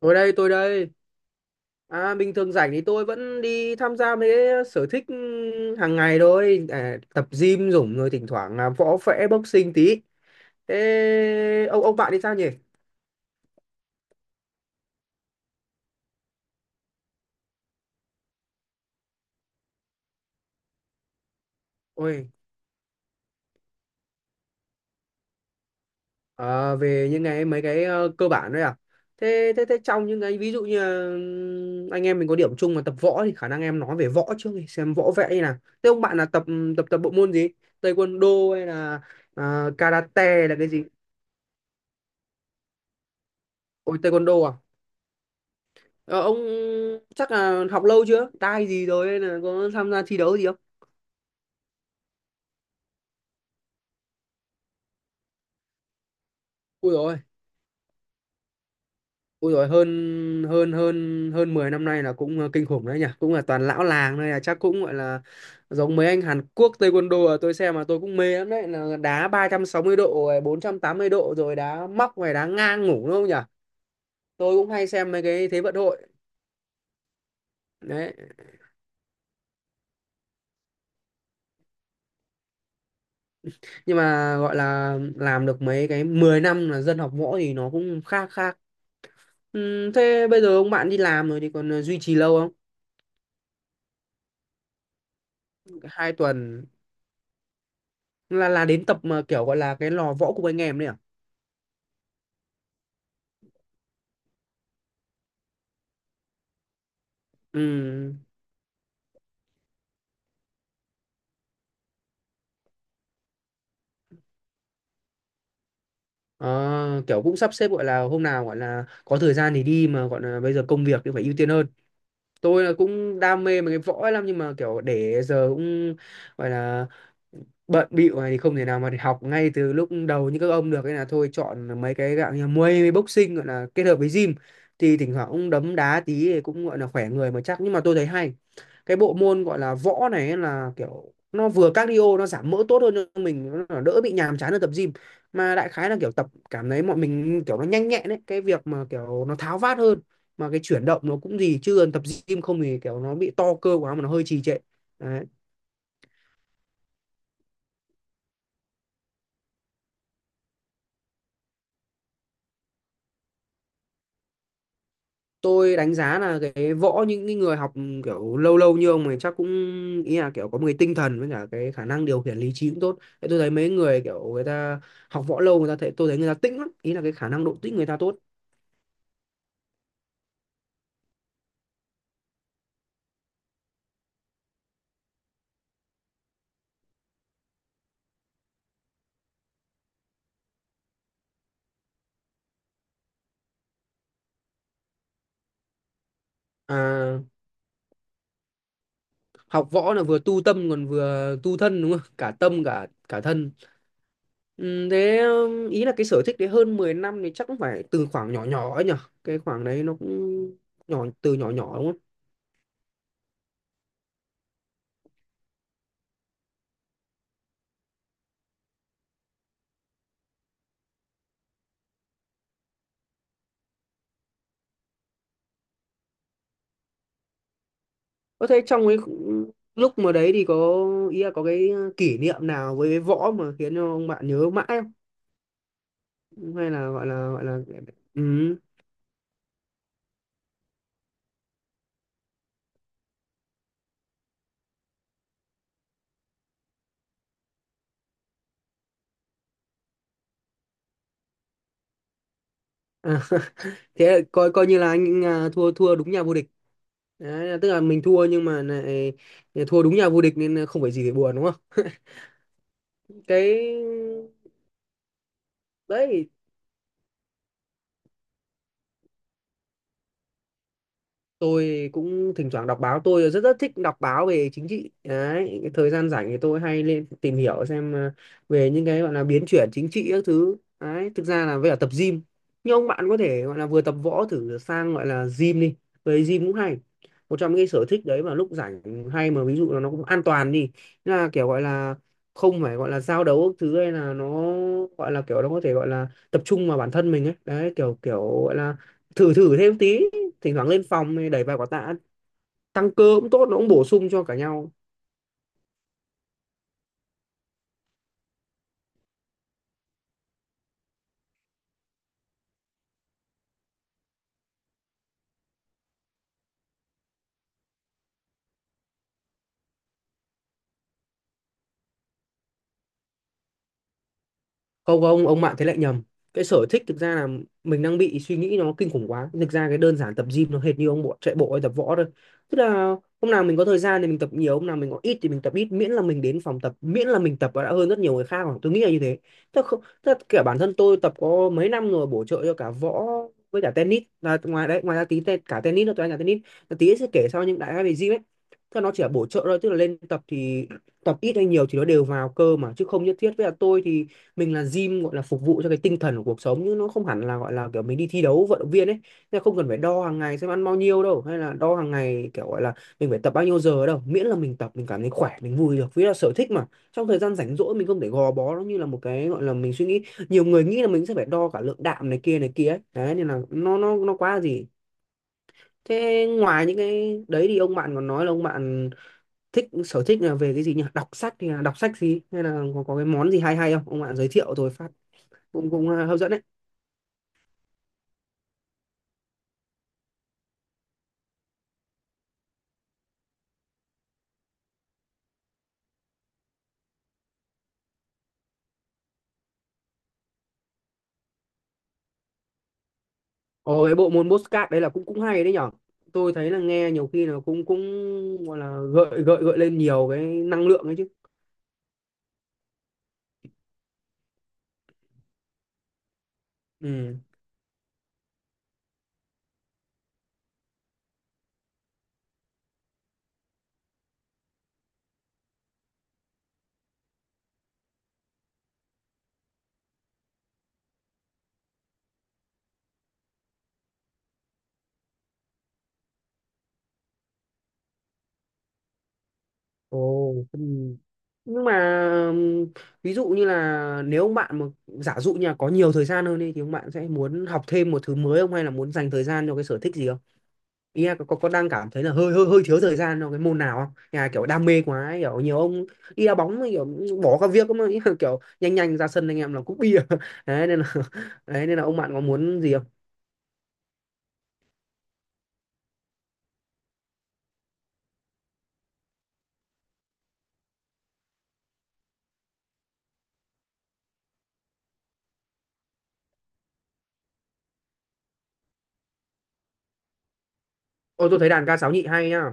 Tôi đây, tôi đây. À, bình thường rảnh thì tôi vẫn đi tham gia mấy cái sở thích hàng ngày thôi. À, tập gym dũng rồi thỉnh thoảng là võ vẽ boxing tí. Thế ông bạn thì sao nhỉ? Ôi, ờ, về những cái cơ bản đấy à? Thế thế thế trong những cái ví dụ như là, anh em mình có điểm chung mà tập võ thì khả năng em nói về võ trước đi, xem võ vẽ như nào. Thế ông bạn là tập ừ, tập tập bộ môn gì? Taekwondo hay là à, karate là cái gì? Ôi taekwondo à? Ờ, ông chắc là học lâu chưa? Tai gì rồi hay là có tham gia thi đấu gì không? Ui rồi, ui rồi, hơn hơn hơn hơn 10 năm nay là cũng kinh khủng đấy nhỉ, cũng là toàn lão làng đây là chắc cũng gọi là giống mấy anh Hàn Quốc taekwondo à, tôi xem mà tôi cũng mê lắm đấy là đá 360 độ rồi 480 độ rồi đá móc rồi đá ngang ngủ đúng không nhỉ? Tôi cũng hay xem mấy cái thế vận hội đấy. Nhưng mà gọi là làm được mấy cái 10 năm là dân học võ thì nó cũng khá khá. Ừ, thế bây giờ ông bạn đi làm rồi thì còn duy trì lâu không? Cái 2 tuần là đến tập mà kiểu gọi là cái lò võ cùng anh em đấy à? Ừ. Ờ, kiểu cũng sắp xếp gọi là hôm nào gọi là có thời gian thì đi mà gọi là bây giờ công việc thì phải ưu tiên hơn. Tôi là cũng đam mê mấy cái võ ấy lắm nhưng mà kiểu để giờ cũng gọi là bận bịu này thì không thể nào mà để học ngay từ lúc đầu như các ông được, nên là thôi chọn mấy cái dạng như Muay với boxing gọi là kết hợp với gym thì thỉnh thoảng cũng đấm đá tí thì cũng gọi là khỏe người mà chắc, nhưng mà tôi thấy hay cái bộ môn gọi là võ này ấy, là kiểu nó vừa cardio nó giảm mỡ tốt hơn cho mình, nó đỡ bị nhàm chán ở tập gym, mà đại khái là kiểu tập cảm thấy mọi mình kiểu nó nhanh nhẹn đấy, cái việc mà kiểu nó tháo vát hơn mà cái chuyển động nó cũng gì, chứ còn tập gym không thì kiểu nó bị to cơ quá mà nó hơi trì trệ đấy. Tôi đánh giá là cái võ những cái người học kiểu lâu lâu như ông này chắc cũng, ý là kiểu có một cái tinh thần với cả cái khả năng điều khiển lý trí cũng tốt. Thế tôi thấy mấy người kiểu người ta học võ lâu người ta thấy, tôi thấy người ta tĩnh lắm, ý là cái khả năng độ tĩnh người ta tốt. À, học võ là vừa tu tâm còn vừa tu thân đúng không, cả tâm cả cả thân. Ừ, thế ý là cái sở thích đấy hơn 10 năm thì chắc cũng phải từ khoảng nhỏ nhỏ ấy nhở, cái khoảng đấy nó cũng nhỏ từ nhỏ nhỏ đúng không. Có thế trong cái khu- lúc mà đấy thì có ý là có cái kỷ niệm nào với cái võ mà khiến cho ông bạn nhớ mãi không, hay là gọi là gọi là ừ. À, thế là coi coi như là anh à, thua thua đúng nhà vô địch đấy, là tức là mình thua nhưng mà lại thua đúng nhà vô địch nên không phải gì để buồn đúng không. Cái đấy tôi cũng thỉnh thoảng đọc báo, tôi rất rất thích đọc báo về chính trị đấy, cái thời gian rảnh thì tôi hay lên tìm hiểu xem về những cái gọi là biến chuyển chính trị các thứ đấy, thực ra là với cả tập gym. Nhưng ông bạn có thể gọi là vừa tập võ thử sang gọi là gym đi, với gym cũng hay, một trong những cái sở thích đấy mà lúc rảnh hay, mà ví dụ là nó cũng an toàn đi. Thế là kiểu gọi là không phải gọi là giao đấu các thứ hay là nó gọi là kiểu nó có thể gọi là tập trung vào bản thân mình ấy, đấy kiểu kiểu gọi là thử thử thêm tí, thỉnh thoảng lên phòng đẩy vài quả tạ, tăng cơ cũng tốt, nó cũng bổ sung cho cả nhau. Không ông bạn thế lại nhầm, cái sở thích thực ra là mình đang bị suy nghĩ nó kinh khủng quá, thực ra cái đơn giản tập gym nó hệt như ông bộ chạy bộ hay tập võ thôi, tức là hôm nào mình có thời gian thì mình tập nhiều, hôm nào mình có ít thì mình tập ít, miễn là mình đến phòng tập, miễn là mình tập và đã hơn rất nhiều người khác rồi, tôi nghĩ là như thế. Tức là không, tức là kể bản thân tôi tập có mấy năm rồi bổ trợ cho cả võ với cả tennis là ngoài đấy, ngoài ra tí te, cả tennis nữa tôi đánh cả tennis, là tí sẽ kể sau những đại gia về gym ấy. Tức là nó chỉ là bổ trợ thôi, tức là lên tập thì tập ít hay nhiều thì nó đều vào cơ mà, chứ không nhất thiết. Với là tôi thì mình là gym gọi là phục vụ cho cái tinh thần của cuộc sống, nhưng nó không hẳn là gọi là kiểu mình đi thi đấu vận động viên ấy, nên không cần phải đo hàng ngày xem ăn bao nhiêu đâu, hay là đo hàng ngày kiểu gọi là mình phải tập bao nhiêu giờ đâu, miễn là mình tập mình cảm thấy khỏe mình vui được vì là sở thích mà, trong thời gian rảnh rỗi mình không thể gò bó nó như là một cái gọi là mình suy nghĩ. Nhiều người nghĩ là mình sẽ phải đo cả lượng đạm này kia ấy, đấy nên là nó quá là gì. Thế ngoài những cái đấy thì ông bạn còn nói là ông bạn thích sở thích là về cái gì nhỉ, đọc sách thì là đọc sách gì, hay là có cái món gì hay hay không ông bạn giới thiệu rồi phát, cũng cũng hấp dẫn đấy. Ồ cái bộ môn Postcard đấy là cũng cũng hay đấy nhở, tôi thấy là nghe nhiều khi là cũng cũng gọi là gợi gợi gợi lên nhiều cái năng lượng ấy chứ. Ừ, ồ ừ. Nhưng mà ừm, ví dụ như là nếu ông bạn mà giả dụ như là có nhiều thời gian hơn đi thì ông bạn sẽ muốn học thêm một thứ mới không, hay là muốn dành thời gian cho cái sở thích gì không, ý là có đang cảm thấy là hơi hơi hơi thiếu thời gian trong cái môn nào không nhà kiểu đam mê quá ấy, kiểu nhiều ông đi đá bóng ấy, kiểu bỏ các việc mà ý là kiểu nhanh nhanh ra sân anh em là cúp bia đấy nên là đấy nên là ông bạn có muốn gì không. Ôi tôi thấy đàn ca sáo nhị hay nhá.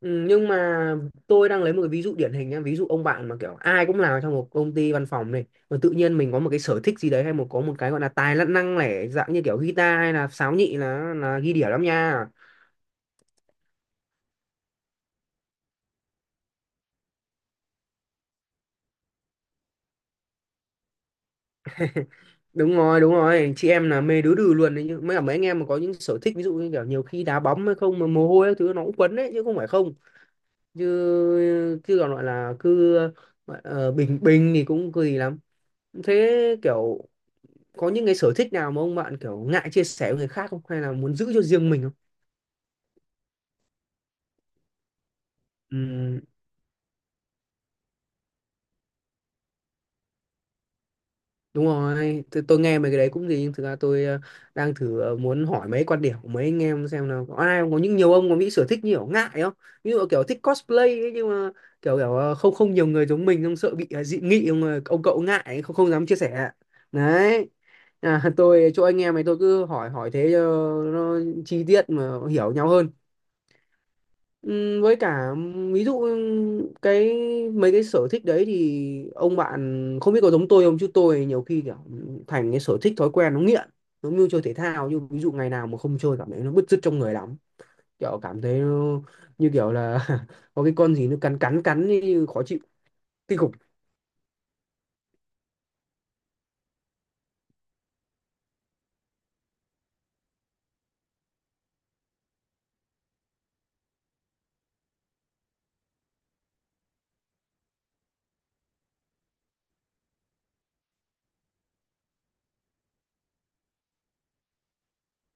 Ừ, nhưng mà tôi đang lấy một cái ví dụ điển hình nhá, ví dụ ông bạn mà kiểu ai cũng làm trong một công ty văn phòng này mà tự nhiên mình có một cái sở thích gì đấy hay một có một cái gọi là tài năng lẻ dạng như kiểu guitar hay là sáo nhị là ghi đĩa lắm nha. Đúng rồi đúng rồi chị em là mê đứa đừ luôn đấy, nhưng mấy cả mấy anh em mà có những sở thích ví dụ như kiểu nhiều khi đá bóng hay không mà mồ hôi các thứ nó cũng quấn đấy chứ không phải không, chứ chứ còn gọi là cứ bình bình thì cũng kỳ lắm. Thế kiểu có những cái sở thích nào mà ông bạn kiểu ngại chia sẻ với người khác không, hay là muốn giữ cho riêng mình không. Ừ. Đúng rồi, tôi nghe mấy cái đấy cũng gì, nhưng thực ra tôi đang thử muốn hỏi mấy quan điểm của mấy anh em xem là có ai không? Có những nhiều ông có nghĩ sở thích như kiểu ngại không? Ví dụ kiểu thích cosplay ấy, nhưng mà kiểu kiểu không không nhiều người giống mình không sợ bị dị nghị không ông cậu ngại không không dám chia sẻ. Đấy. À, tôi chỗ anh em này tôi cứ hỏi hỏi thế cho nó chi tiết mà hiểu nhau hơn. Với cả ví dụ cái mấy cái sở thích đấy thì ông bạn không biết có giống tôi không chứ tôi nhiều khi kiểu thành cái sở thích thói quen nó nghiện, giống như chơi thể thao nhưng ví dụ ngày nào mà không chơi cảm thấy nó bứt rứt trong người lắm, kiểu cảm thấy nó, như kiểu là có cái con gì nó cắn cắn cắn như khó chịu kinh khủng.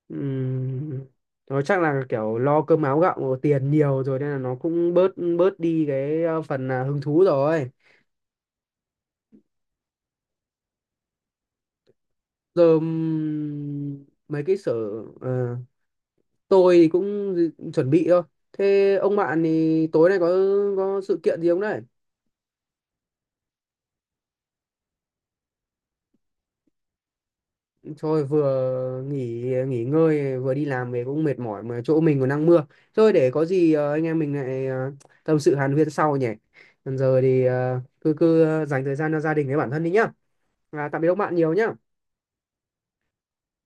Ừm, nó chắc là kiểu lo cơm áo gạo tiền nhiều rồi nên là nó cũng bớt bớt đi cái phần à, hứng thú rồi. Giờ mấy cái sở ờ, tôi thì cũng dự- chuẩn bị thôi. Thế ông bạn thì tối nay có sự kiện gì không đấy? Trời vừa nghỉ nghỉ ngơi vừa đi làm về cũng mệt mỏi mà chỗ mình còn đang mưa. Thôi để có gì anh em mình lại tâm sự hàn huyên sau nhỉ. Còn giờ thì cứ cứ dành thời gian cho gia đình với bản thân đi nhá. À, tạm biệt ông bạn nhiều nhá.